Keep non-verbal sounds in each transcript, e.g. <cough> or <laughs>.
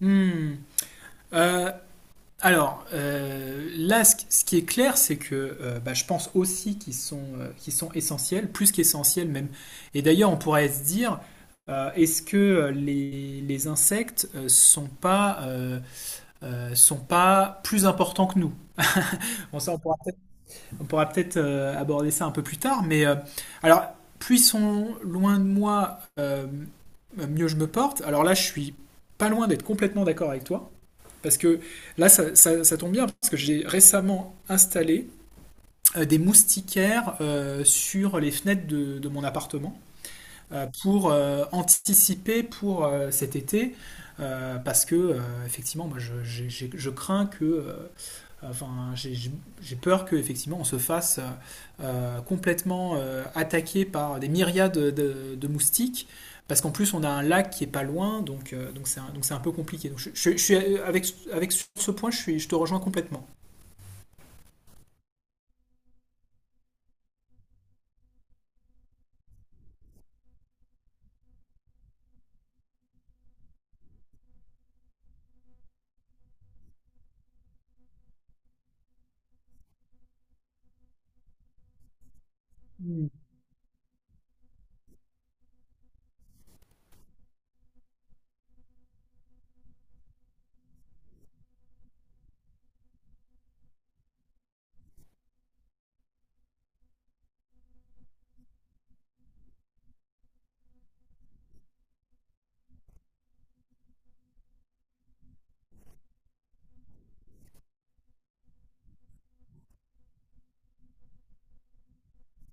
Hmm. Euh, là, ce qui est clair, c'est que je pense aussi qu'ils sont essentiels, plus qu'essentiels même. Et d'ailleurs, on pourrait se dire, est-ce que les insectes sont pas plus importants que nous? Bon, ça, on pourra peut-être aborder ça un peu plus tard, mais alors, puissons loin de moi, mieux je me porte. Alors là, je suis pas loin d'être complètement d'accord avec toi. Parce que là, ça tombe bien, parce que j'ai récemment installé des moustiquaires sur les fenêtres de mon appartement pour anticiper pour cet été. Parce que, effectivement, moi, je crains que enfin, j'ai peur que effectivement on se fasse complètement attaquer par des myriades de moustiques, parce qu'en plus on a un lac qui est pas loin, donc donc c'est un peu compliqué. Donc je suis avec avec sur ce point, je suis, je te rejoins complètement.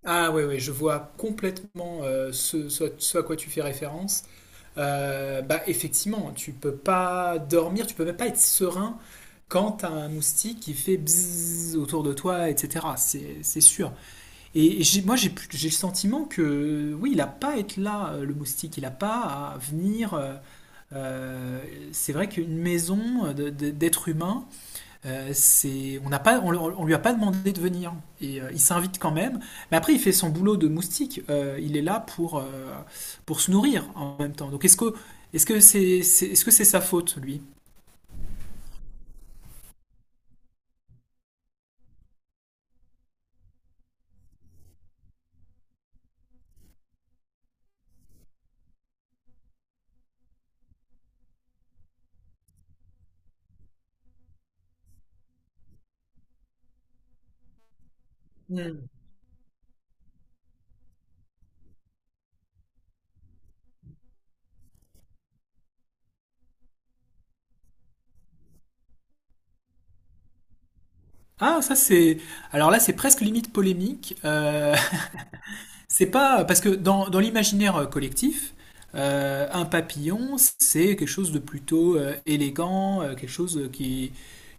Ah oui, oui, je vois complètement ce à quoi tu fais référence. Bah effectivement, tu peux pas dormir, tu peux même pas être serein quand t'as un moustique qui fait bzzz autour de toi, etc. C'est sûr. Moi, j'ai le sentiment que, oui, il n'a pas à être là, le moustique. Il n'a pas à venir. Euh, c'est vrai qu'une maison d'êtres humains, on n'a pas, on lui a pas demandé de venir. Et il s'invite quand même. Mais après, il fait son boulot de moustique. Il est là pour se nourrir en même temps. Donc, est-ce que c'est sa faute, lui? Hmm. Ah, ça c'est. Alors là, c'est presque limite polémique. <laughs> C'est pas parce que dans l'imaginaire collectif, un papillon, c'est quelque chose de plutôt élégant, quelque chose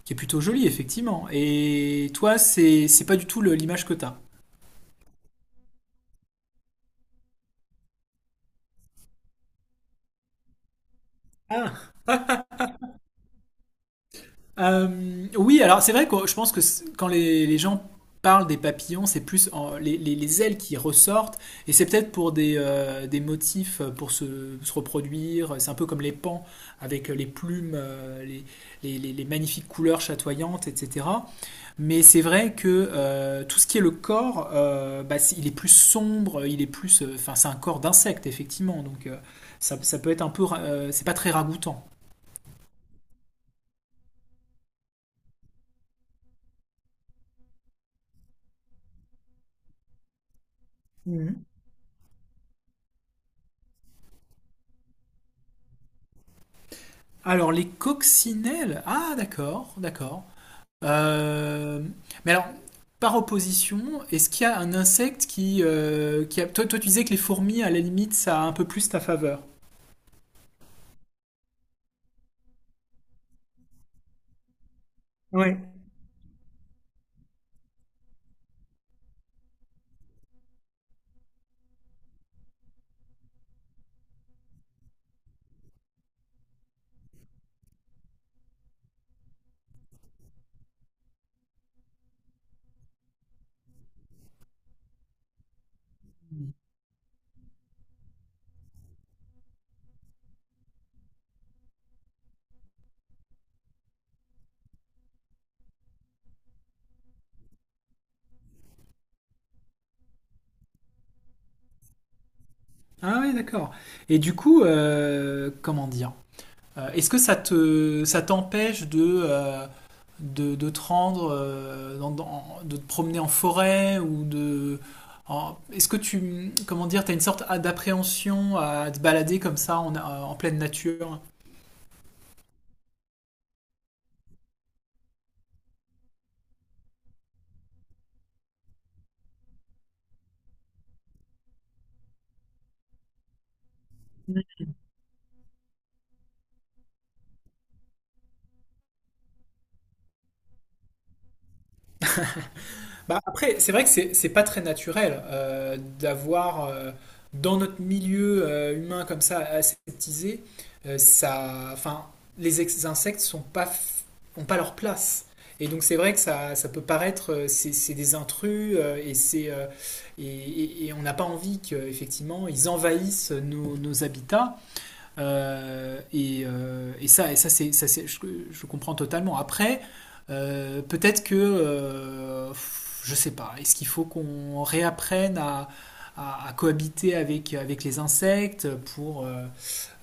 qui est plutôt joli, effectivement. Et toi, c'est pas du tout l'image que t'as. Oui, alors c'est vrai que je pense que quand les gens parlent des papillons, c'est plus les ailes qui ressortent, et c'est peut-être pour des motifs pour se reproduire. C'est un peu comme les pans avec les plumes, les magnifiques couleurs chatoyantes, etc. Mais c'est vrai que tout ce qui est le corps, il est plus sombre, il est plus, enfin c'est un corps d'insecte effectivement, donc ça peut être un peu, c'est pas très ragoûtant. Alors, les coccinelles. Ah, d'accord, d'accord. Euh, Mais alors, par opposition, est-ce qu'il y a un insecte qui a... Toi, toi, tu disais que les fourmis, à la limite, ça a un peu plus ta faveur. Ouais. Ah oui, d'accord. Et du coup, comment dire? Est-ce que ça t'empêche de, de te rendre, de te promener en forêt ou de, est-ce que tu, comment dire, t'as une sorte d'appréhension à te balader comme ça en, en pleine nature? Bah, après, c'est vrai que c'est pas très naturel d'avoir dans notre milieu humain comme ça aseptisé, euh, ça, enfin, insectes sont pas f- ont pas leur place. Et donc c'est vrai que ça peut paraître, c'est des intrus et et- on n'a pas envie qu'effectivement ils envahissent nos habitats. Et ça c'est- Je comprends totalement. Après, peut-être que, je sais pas, est-ce qu'il faut qu'on réapprenne à, à cohabiter avec les insectes pour,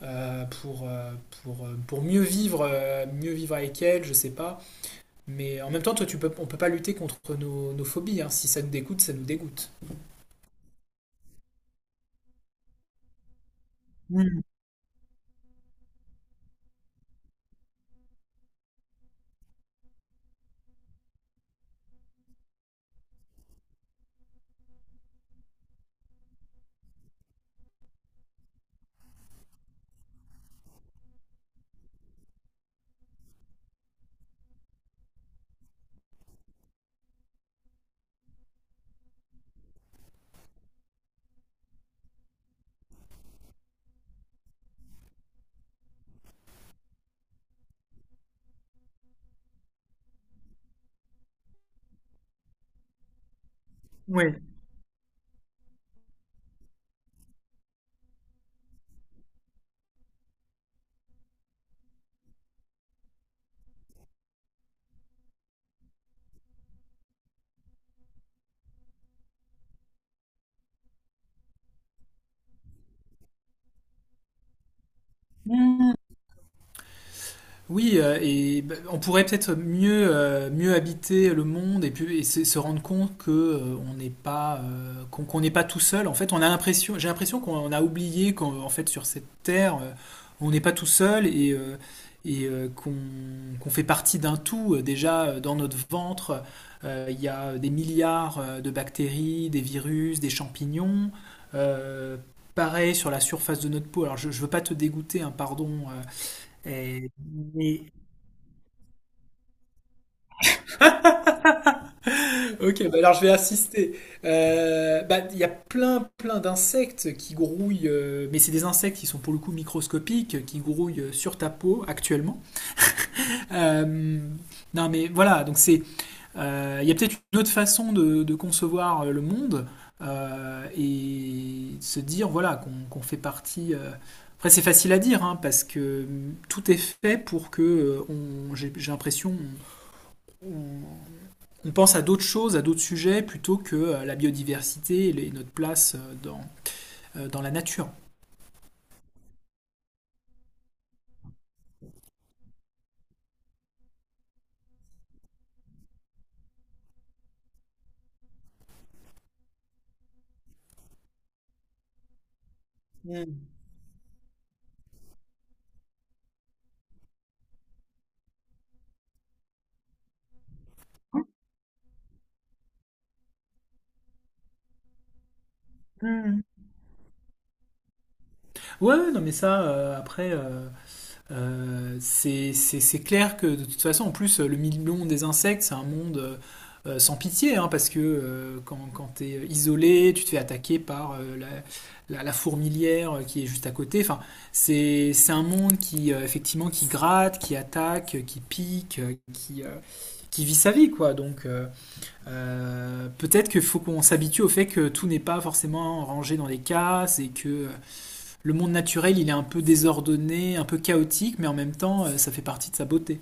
euh, pour, euh, pour mieux vivre avec elles, je sais pas. Mais en même temps, toi, tu peux, on peut pas lutter contre nos phobies, hein. Si ça nous dégoûte, ça nous dégoûte. Oui, on pourrait peut-être mieux, mieux habiter le monde et, puis, et se rendre compte que on n'est pas qu'on n'est pas tout seul. En fait, on a l'impression, j'ai l'impression qu'on a oublié qu'en en fait sur cette terre, on n'est pas tout seul et, qu'on qu'on fait partie d'un tout. Déjà dans notre ventre, il y a des milliards de bactéries, des virus, des champignons. Euh, Pareil sur la surface de notre peau. Alors je veux pas te dégoûter, hein, pardon, et- mais Ok, bah alors je vais assister. Il y a plein, plein d'insectes qui grouillent, mais c'est des insectes qui sont pour le coup microscopiques, qui grouillent sur ta peau actuellement. Euh, non, mais voilà, donc c'est, il y a peut-être une autre façon de concevoir le monde et de se dire voilà qu'on qu'on fait partie. Après, c'est facile à dire hein, parce que tout est fait pour que j'ai l'impression, on pense à d'autres choses, à d'autres sujets, plutôt que la biodiversité et notre place dans la nature. Mm. Ouais, ouais, non, mais ça, c'est clair que de toute façon, en plus, le million des insectes, c'est un monde sans pitié, hein, parce que quand tu es isolé, tu te fais attaquer par la fourmilière qui est juste à côté. Enfin, c'est un monde qui, effectivement, qui gratte, qui attaque, qui pique, qui vit sa vie, quoi. Peut-être qu'il faut qu'on s'habitue au fait que tout n'est pas forcément rangé dans des cases et que le monde naturel, il est un peu désordonné, un peu chaotique, mais en même temps, ça fait partie de sa beauté.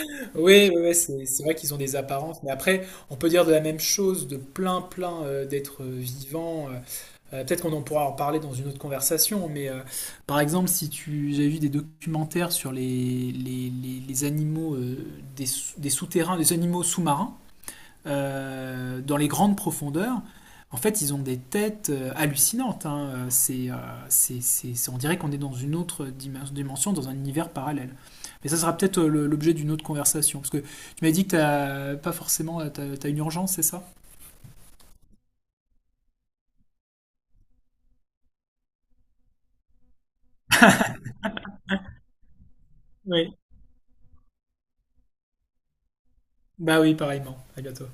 <laughs> Oui, oui, oui, c'est vrai qu'ils ont des apparences, mais après, on peut dire de la même chose de plein, plein d'êtres vivants. Peut-être qu'on en pourra en parler dans une autre conversation, mais par exemple, si tu, j'ai vu des documentaires sur les animaux des souterrains, des animaux sous-marins. Dans les grandes profondeurs, en fait, ils ont des têtes hallucinantes, hein. On dirait qu'on est dans une autre dimension, dans un univers parallèle. Mais ça sera peut-être l'objet d'une autre conversation. Parce que tu m'as dit que t'as pas forcément, t'as, t'as une urgence, c'est ça? Oui. Bah oui, pareillement. À bientôt.